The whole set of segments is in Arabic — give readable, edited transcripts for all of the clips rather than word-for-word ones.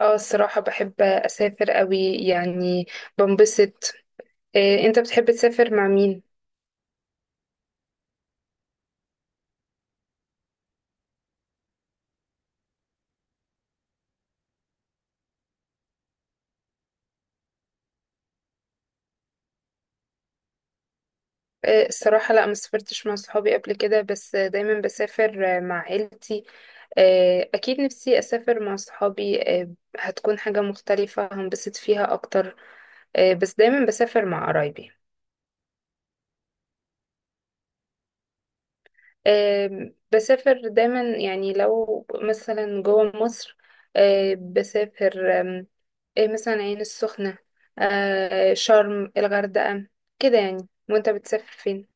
اه، الصراحة بحب أسافر قوي يعني. بنبسط. إيه انت بتحب تسافر مع مين؟ إيه الصراحة لا، ما سافرتش مع صحابي قبل كده، بس دايما بسافر مع عيلتي. إيه أكيد نفسي أسافر مع صحابي. إيه، هتكون حاجة مختلفة هنبسط فيها أكتر. إيه بس دايما بسافر مع قرايبي. بسافر دايما يعني لو مثلا جوه مصر. بسافر إيه مثلا عين السخنة، شرم، الغردقة، كده يعني. وانت بتسافر فين؟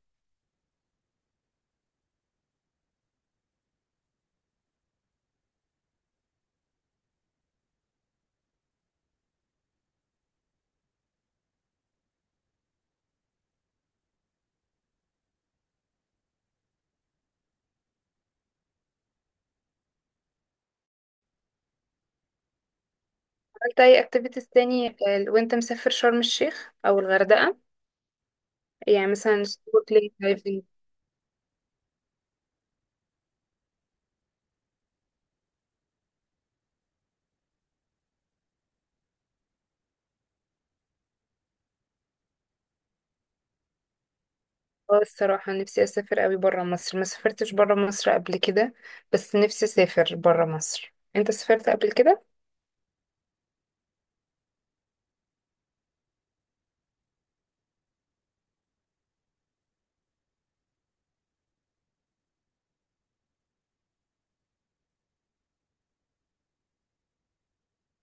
عملت اي اكتيفيتيز تاني وانت مسافر شرم الشيخ او الغردقة؟ يعني مثلا سنوركلينج، دايفنج. اه الصراحة نفسي اسافر قوي برا مصر. ما سافرتش برا مصر قبل كده، بس نفسي اسافر برا مصر. انت سافرت قبل كده؟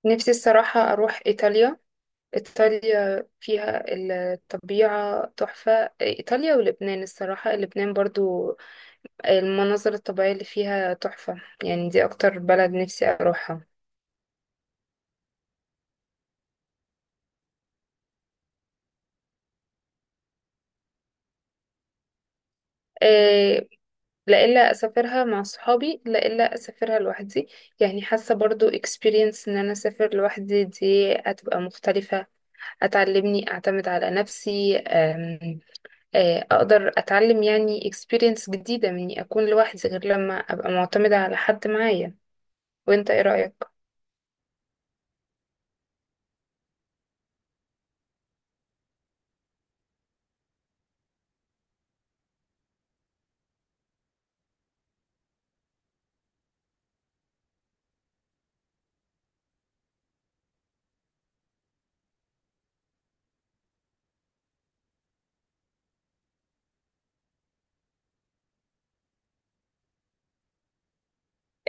نفسي الصراحة اروح ايطاليا. إيطاليا فيها الطبيعة تحفة. إيطاليا ولبنان الصراحة، لبنان برضو المناظر الطبيعية اللي فيها تحفة يعني. دي أكتر بلد نفسي أروحها. إيه، لا إلا أسافرها مع صحابي، لا إلا أسافرها لوحدي. يعني حاسة برضو experience إن أنا أسافر لوحدي دي هتبقى مختلفة، هتعلمني أعتمد على نفسي. أقدر أتعلم يعني experience جديدة مني أكون لوحدي، غير لما أبقى معتمدة على حد معايا. وانت ايه رأيك؟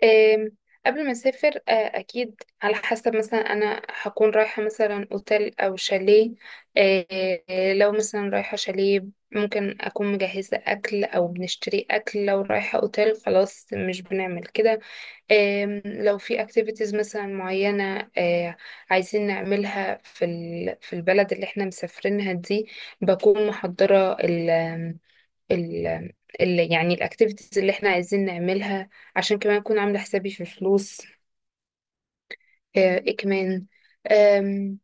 آم، قبل ما اسافر اكيد على حسب، مثلا انا هكون رايحة مثلا اوتيل او شاليه. لو مثلا رايحة شاليه ممكن اكون مجهزة اكل او بنشتري اكل. لو رايحة اوتيل خلاص مش بنعمل كده. لو في اكتيفيتيز مثلا معينة عايزين نعملها في في البلد اللي احنا مسافرينها دي، بكون محضرة ال ال يعني الاكتيفيتيز اللي احنا عايزين نعملها. عشان كمان اكون عامله حسابي في فلوس. ايه كمان، آم،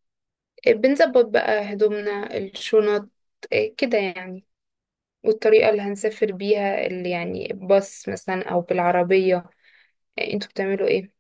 بنظبط بقى هدومنا، الشنط، كده يعني. والطريقة اللي هنسافر بيها، اللي يعني باص مثلا أو بالعربية. انتوا بتعملوا ايه؟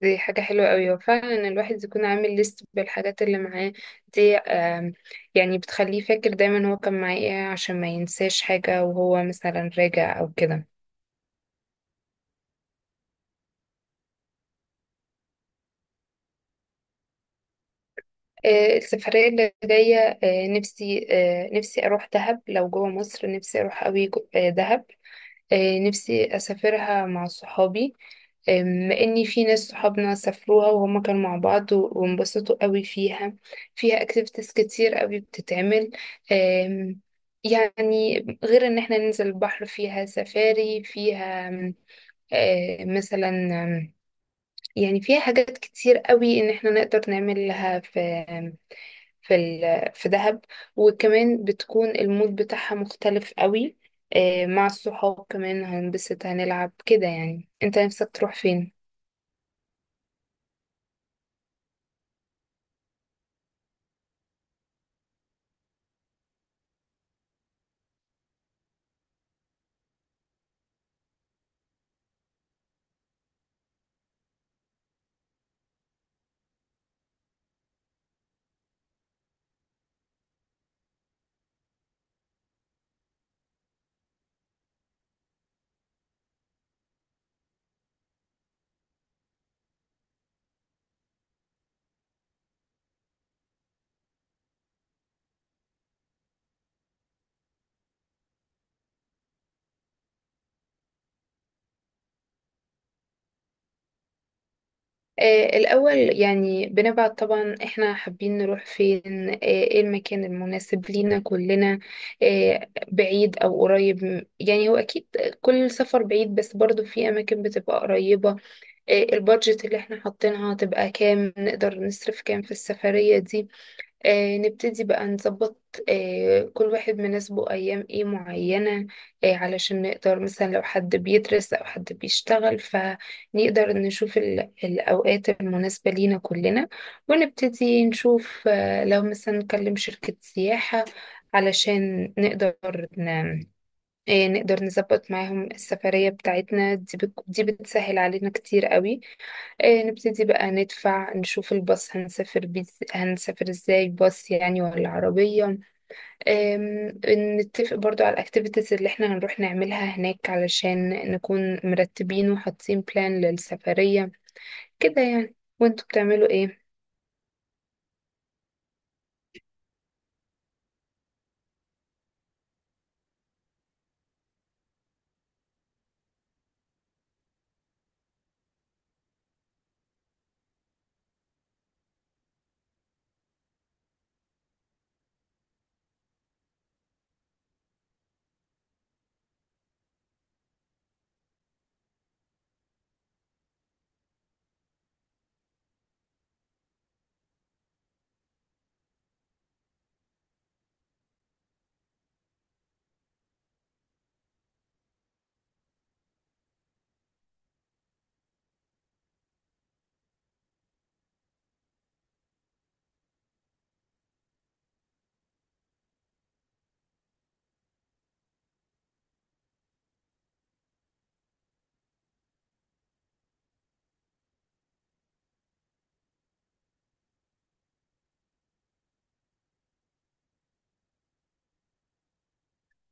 دي حاجة حلوة قوي. وفعلا الواحد يكون عامل ليست بالحاجات اللي معاه دي. يعني بتخليه فاكر دايما هو كان معاه ايه، عشان ما ينساش حاجة وهو مثلا راجع أو كده. السفرية اللي جاية، نفسي أروح دهب. لو جوه مصر نفسي أروح أوي دهب. نفسي أسافرها مع صحابي. إني في ناس صحابنا سافروها وهما كانوا مع بعض وانبسطوا أوي فيها. فيها اكتيفيتيز كتير أوي بتتعمل. آم، يعني غير إن احنا ننزل البحر، فيها سفاري، فيها آم، آه، مثلا آم، يعني فيها حاجات كتير أوي إن احنا نقدر نعملها في في دهب. وكمان بتكون المود بتاعها مختلف قوي. مع الصحاب كمان هنبسط، هنلعب كده يعني. انت نفسك تروح فين؟ الأول يعني بنبعت طبعا احنا حابين نروح فين، ايه المكان المناسب لينا كلنا، بعيد أو قريب. يعني هو أكيد كل سفر بعيد، بس برضو في أماكن بتبقى قريبة. البادجت اللي احنا حاطينها هتبقى كام، نقدر نصرف كام في السفرية دي. نبتدي بقى نظبط. كل واحد مناسبه أيام إيه معينة، علشان نقدر مثلا لو حد بيدرس أو حد بيشتغل فنقدر نشوف الأوقات المناسبة لينا كلنا. ونبتدي نشوف، آه، لو مثلا نكلم شركة سياحة علشان نقدر ن... آه نقدر نظبط معاهم السفرية بتاعتنا دي. دي بتسهل علينا كتير قوي. إيه نبتدي بقى ندفع، نشوف الباص، هنسافر ازاي، باص يعني ولا عربية. إم... نتفق برضو على الاكتيفيتيز اللي احنا هنروح نعملها هناك، علشان نكون مرتبين وحاطين بلان للسفرية كده يعني. وانتوا بتعملوا ايه؟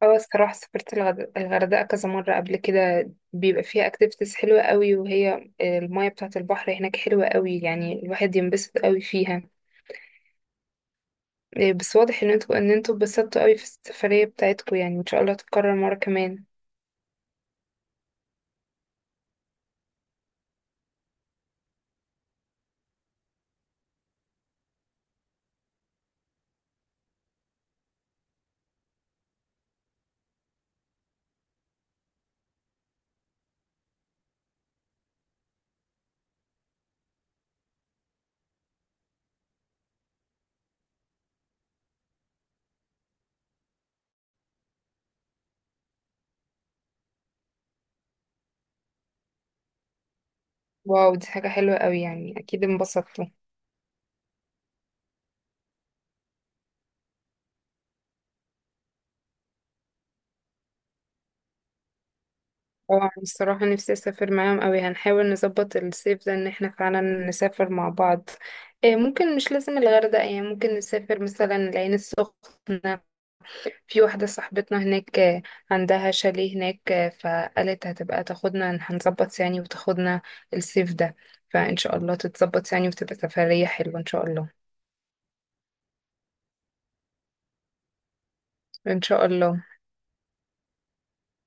اه الصراحة سافرت الغردقة كذا مرة قبل كده. بيبقى فيها اكتيفيتيز حلوة قوي، وهي المية بتاعة البحر هناك حلوة قوي يعني، الواحد ينبسط قوي فيها. إيه، بس واضح ان انتوا اتبسطتوا قوي في السفرية بتاعتكم يعني. ان شاء الله تتكرر مرة كمان. واو دي حاجة حلوة قوي، يعني اكيد انبسطتوا. اه أنا الصراحة نفسي اسافر معاهم قوي. هنحاول نظبط الصيف ده ان احنا فعلا نسافر مع بعض. إيه ممكن مش لازم الغردقة يعني، ممكن نسافر مثلا العين السخنة. في واحدة صاحبتنا هناك عندها شاليه هناك. فقالت هتبقى تاخدنا، هنظبط يعني وتاخدنا الصيف ده. فإن شاء الله تتظبط يعني، وتبقى سفرية حلوة إن شاء الله. إن شاء الله.